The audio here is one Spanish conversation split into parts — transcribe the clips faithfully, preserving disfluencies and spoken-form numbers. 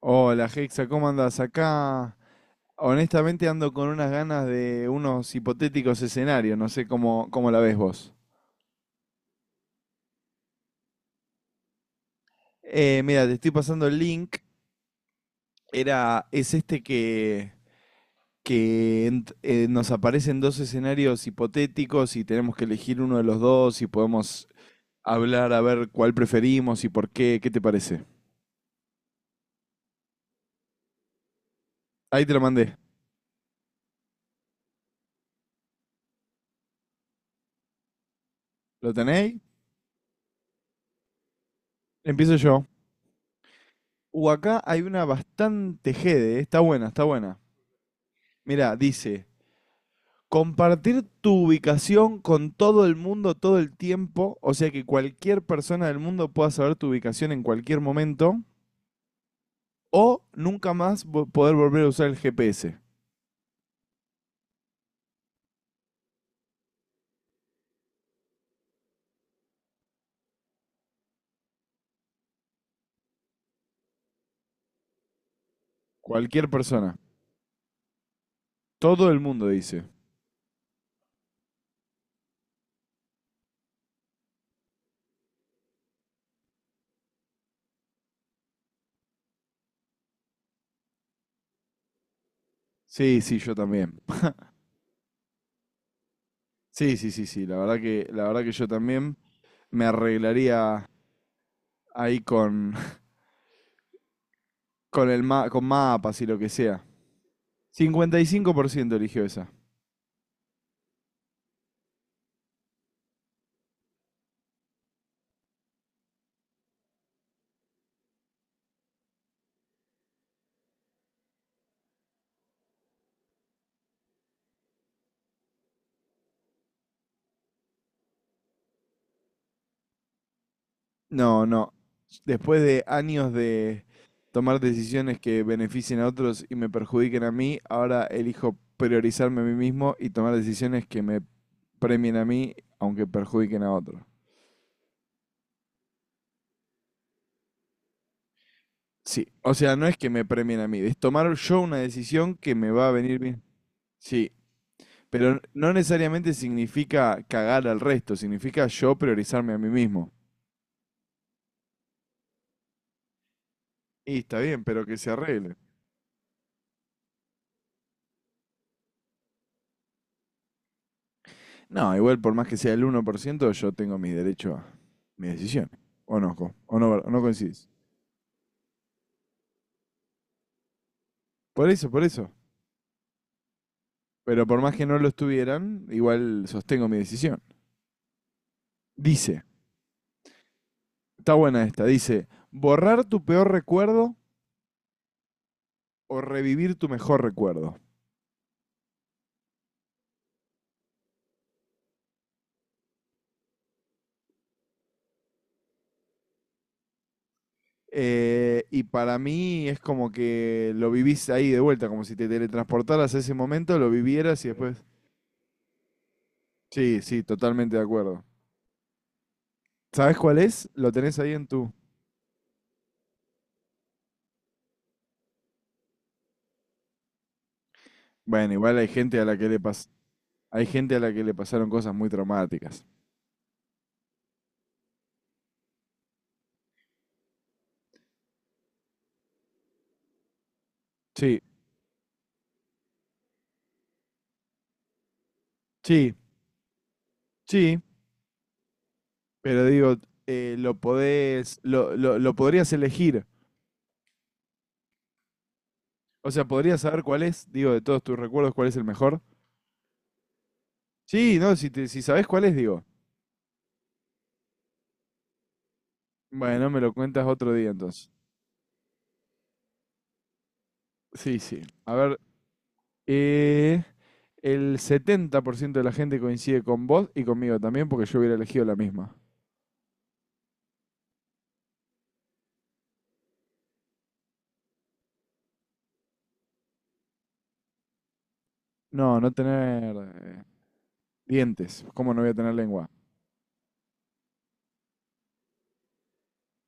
Hola Hexa, ¿cómo andás? Acá honestamente ando con unas ganas de unos hipotéticos escenarios, no sé cómo, cómo la ves vos. Eh, mira, te estoy pasando el link, era, es este que, que ent- eh, nos aparecen dos escenarios hipotéticos y tenemos que elegir uno de los dos y podemos hablar a ver cuál preferimos y por qué. ¿Qué te parece? Ahí te lo mandé. ¿Lo tenéis? Empiezo yo. Uh, acá hay una bastante jede, eh, está buena, está buena. Mira, dice... Compartir tu ubicación con todo el mundo todo el tiempo, o sea que cualquier persona del mundo pueda saber tu ubicación en cualquier momento, o nunca más vo- poder volver a usar el G P S. Cualquier persona. Todo el mundo dice. Sí, sí, yo también. Sí, sí, sí, sí. La verdad que, la verdad que yo también me arreglaría ahí con, con el ma- con mapas y lo que sea. Cincuenta y cinco por ciento eligió esa. No, no. Después de años de tomar decisiones que beneficien a otros y me perjudiquen a mí, ahora elijo priorizarme a mí mismo y tomar decisiones que me premien a mí, aunque perjudiquen a otros. Sí, o sea, no es que me premien a mí, es tomar yo una decisión que me va a venir bien. Sí, pero n- no necesariamente significa cagar al resto, significa yo priorizarme a mí mismo. Y está bien, pero que se arregle. No, igual por más que sea el uno por ciento, yo tengo mis derechos a mis decisiones. O no, co- o no, o no coincidís. Por eso, por eso. Pero por más que no lo estuvieran, igual sostengo mi decisión. Dice, está buena esta, dice, borrar tu peor recuerdo o revivir tu mejor recuerdo. Eh, y para mí es como que lo vivís ahí de vuelta, como si te teletransportaras a ese momento, lo vivieras y después... Sí, sí, totalmente de acuerdo. ¿Sabes cuál es? Lo tenés ahí en tu... Bueno, igual hay gente a la que le pas- hay gente a la que le pasaron cosas muy traumáticas. Sí, sí, sí, pero digo, eh, lo podés, lo, lo, lo podrías elegir. O sea, podrías saber cuál es, digo, de todos tus recuerdos, cuál es el mejor. Sí, no, si, te, si sabés cuál es, digo. Bueno, me lo cuentas otro día entonces. Sí, sí. A ver, eh, el setenta por ciento de la gente coincide con vos y conmigo también porque yo hubiera elegido la misma. No, no tener eh, dientes. ¿Cómo no voy a tener lengua?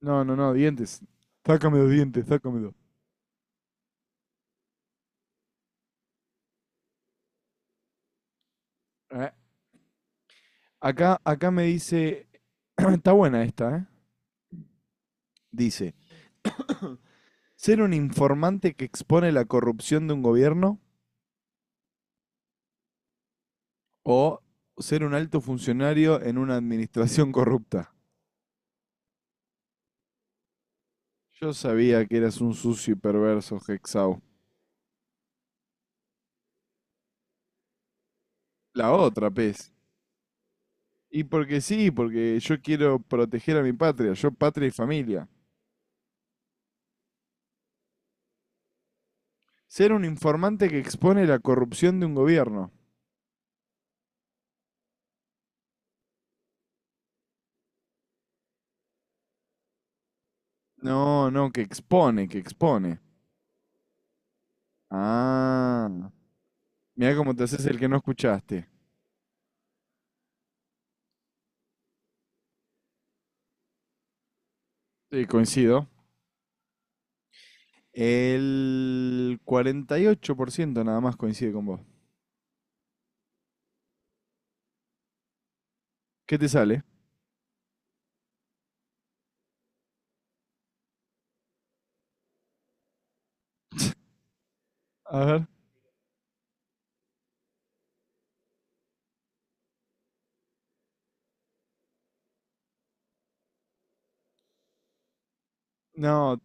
No, no, no, dientes. Sácame los dientes, sácame los. Eh, Acá, acá me dice, está buena esta, ¿eh? Dice, ser un informante que expone la corrupción de un gobierno o ser un alto funcionario en una administración corrupta. Yo sabía que eras un sucio y perverso, Hexau. La otra, pez. Y porque sí, porque yo quiero proteger a mi patria, yo patria y familia. Ser un informante que expone la corrupción de un gobierno. No, no, que expone, que expone. Ah. Mira cómo te haces el que no escuchaste. Sí, coincido. El cuarenta y ocho por ciento nada más coincide con vos. ¿Qué te sale? A ver. No,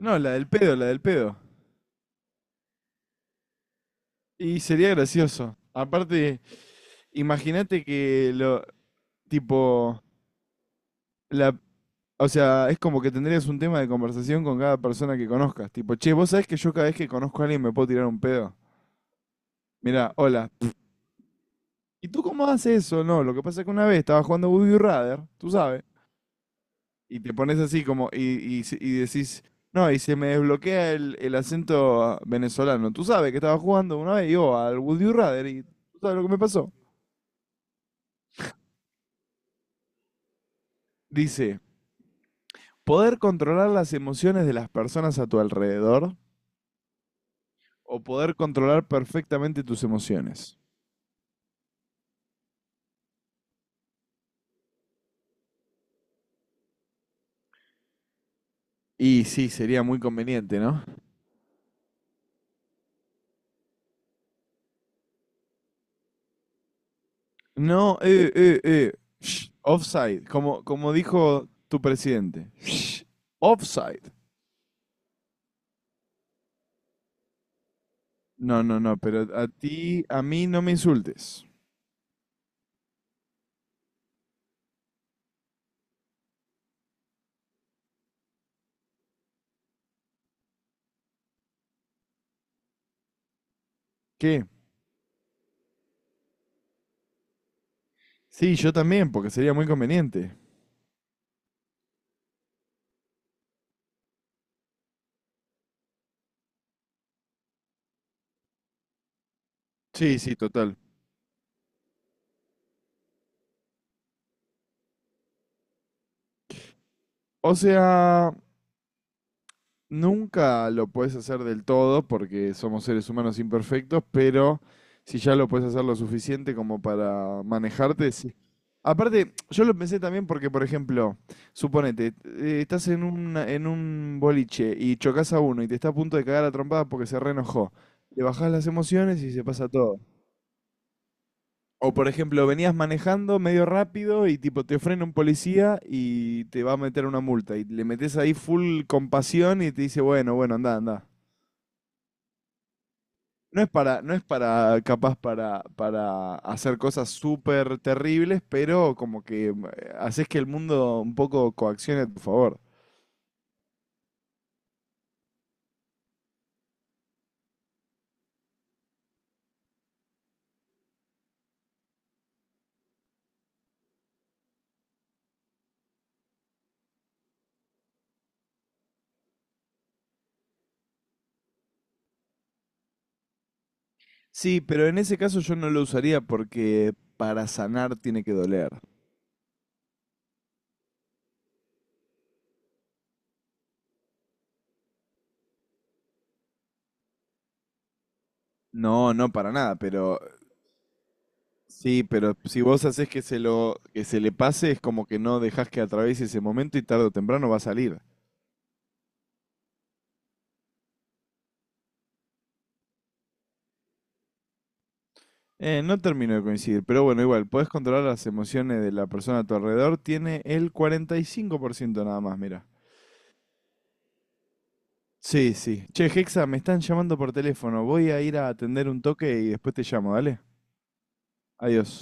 no, la del pedo, la del pedo. Y sería gracioso. Aparte, imagínate que lo, tipo, la, o sea, es como que tendrías un tema de conversación con cada persona que conozcas. Tipo, che, vos sabés que yo cada vez que conozco a alguien me puedo tirar un pedo. Mirá, hola. ¿Y tú cómo haces eso? No, lo que pasa es que una vez estaba jugando Woody Rather, tú sabes. Y te pones así como, y, y, se- y decís, no, y se me desbloquea el, el acento venezolano. Tú sabes que estaba jugando una vez yo al Would You Rather y tú sabes lo que me pasó. Dice, poder controlar las emociones de las personas a tu alrededor o poder controlar perfectamente tus emociones. Y sí, sería muy conveniente, ¿no? No, eh, eh, eh, shh, offside, como, como dijo tu presidente. Shh, offside. No, no, no, pero a ti, a mí no me insultes. ¿Qué? Sí, yo también, porque sería muy conveniente. Sí, sí, total. O sea, nunca lo puedes hacer del todo porque somos seres humanos imperfectos, pero si ya lo puedes hacer lo suficiente como para manejarte, sí. Aparte, yo lo pensé también porque, por ejemplo, suponete, eh, estás en un, en un boliche y chocas a uno y te está a punto de cagar a trompadas porque se reenojó. Le bajás las emociones y se pasa todo. O por ejemplo, venías manejando medio rápido y tipo te frena un policía y te va a meter una multa y le metes ahí full compasión y te dice, bueno, bueno, anda, anda. No es para, no es para, capaz para, para hacer cosas súper terribles, pero como que eh, haces que el mundo un poco coaccione a tu favor. Sí, pero en ese caso yo no lo usaría porque para sanar tiene que doler. No, no para nada, pero sí, pero si vos haces que se lo, que se le pase, es como que no dejás que atraviese ese momento y tarde o temprano va a salir. Eh, no termino de coincidir, pero bueno, igual, podés controlar las emociones de la persona a tu alrededor, tiene el cuarenta y cinco por ciento nada más, mira. Sí, sí. Che, Hexa, me están llamando por teléfono, voy a ir a atender un toque y después te llamo, dale. Adiós.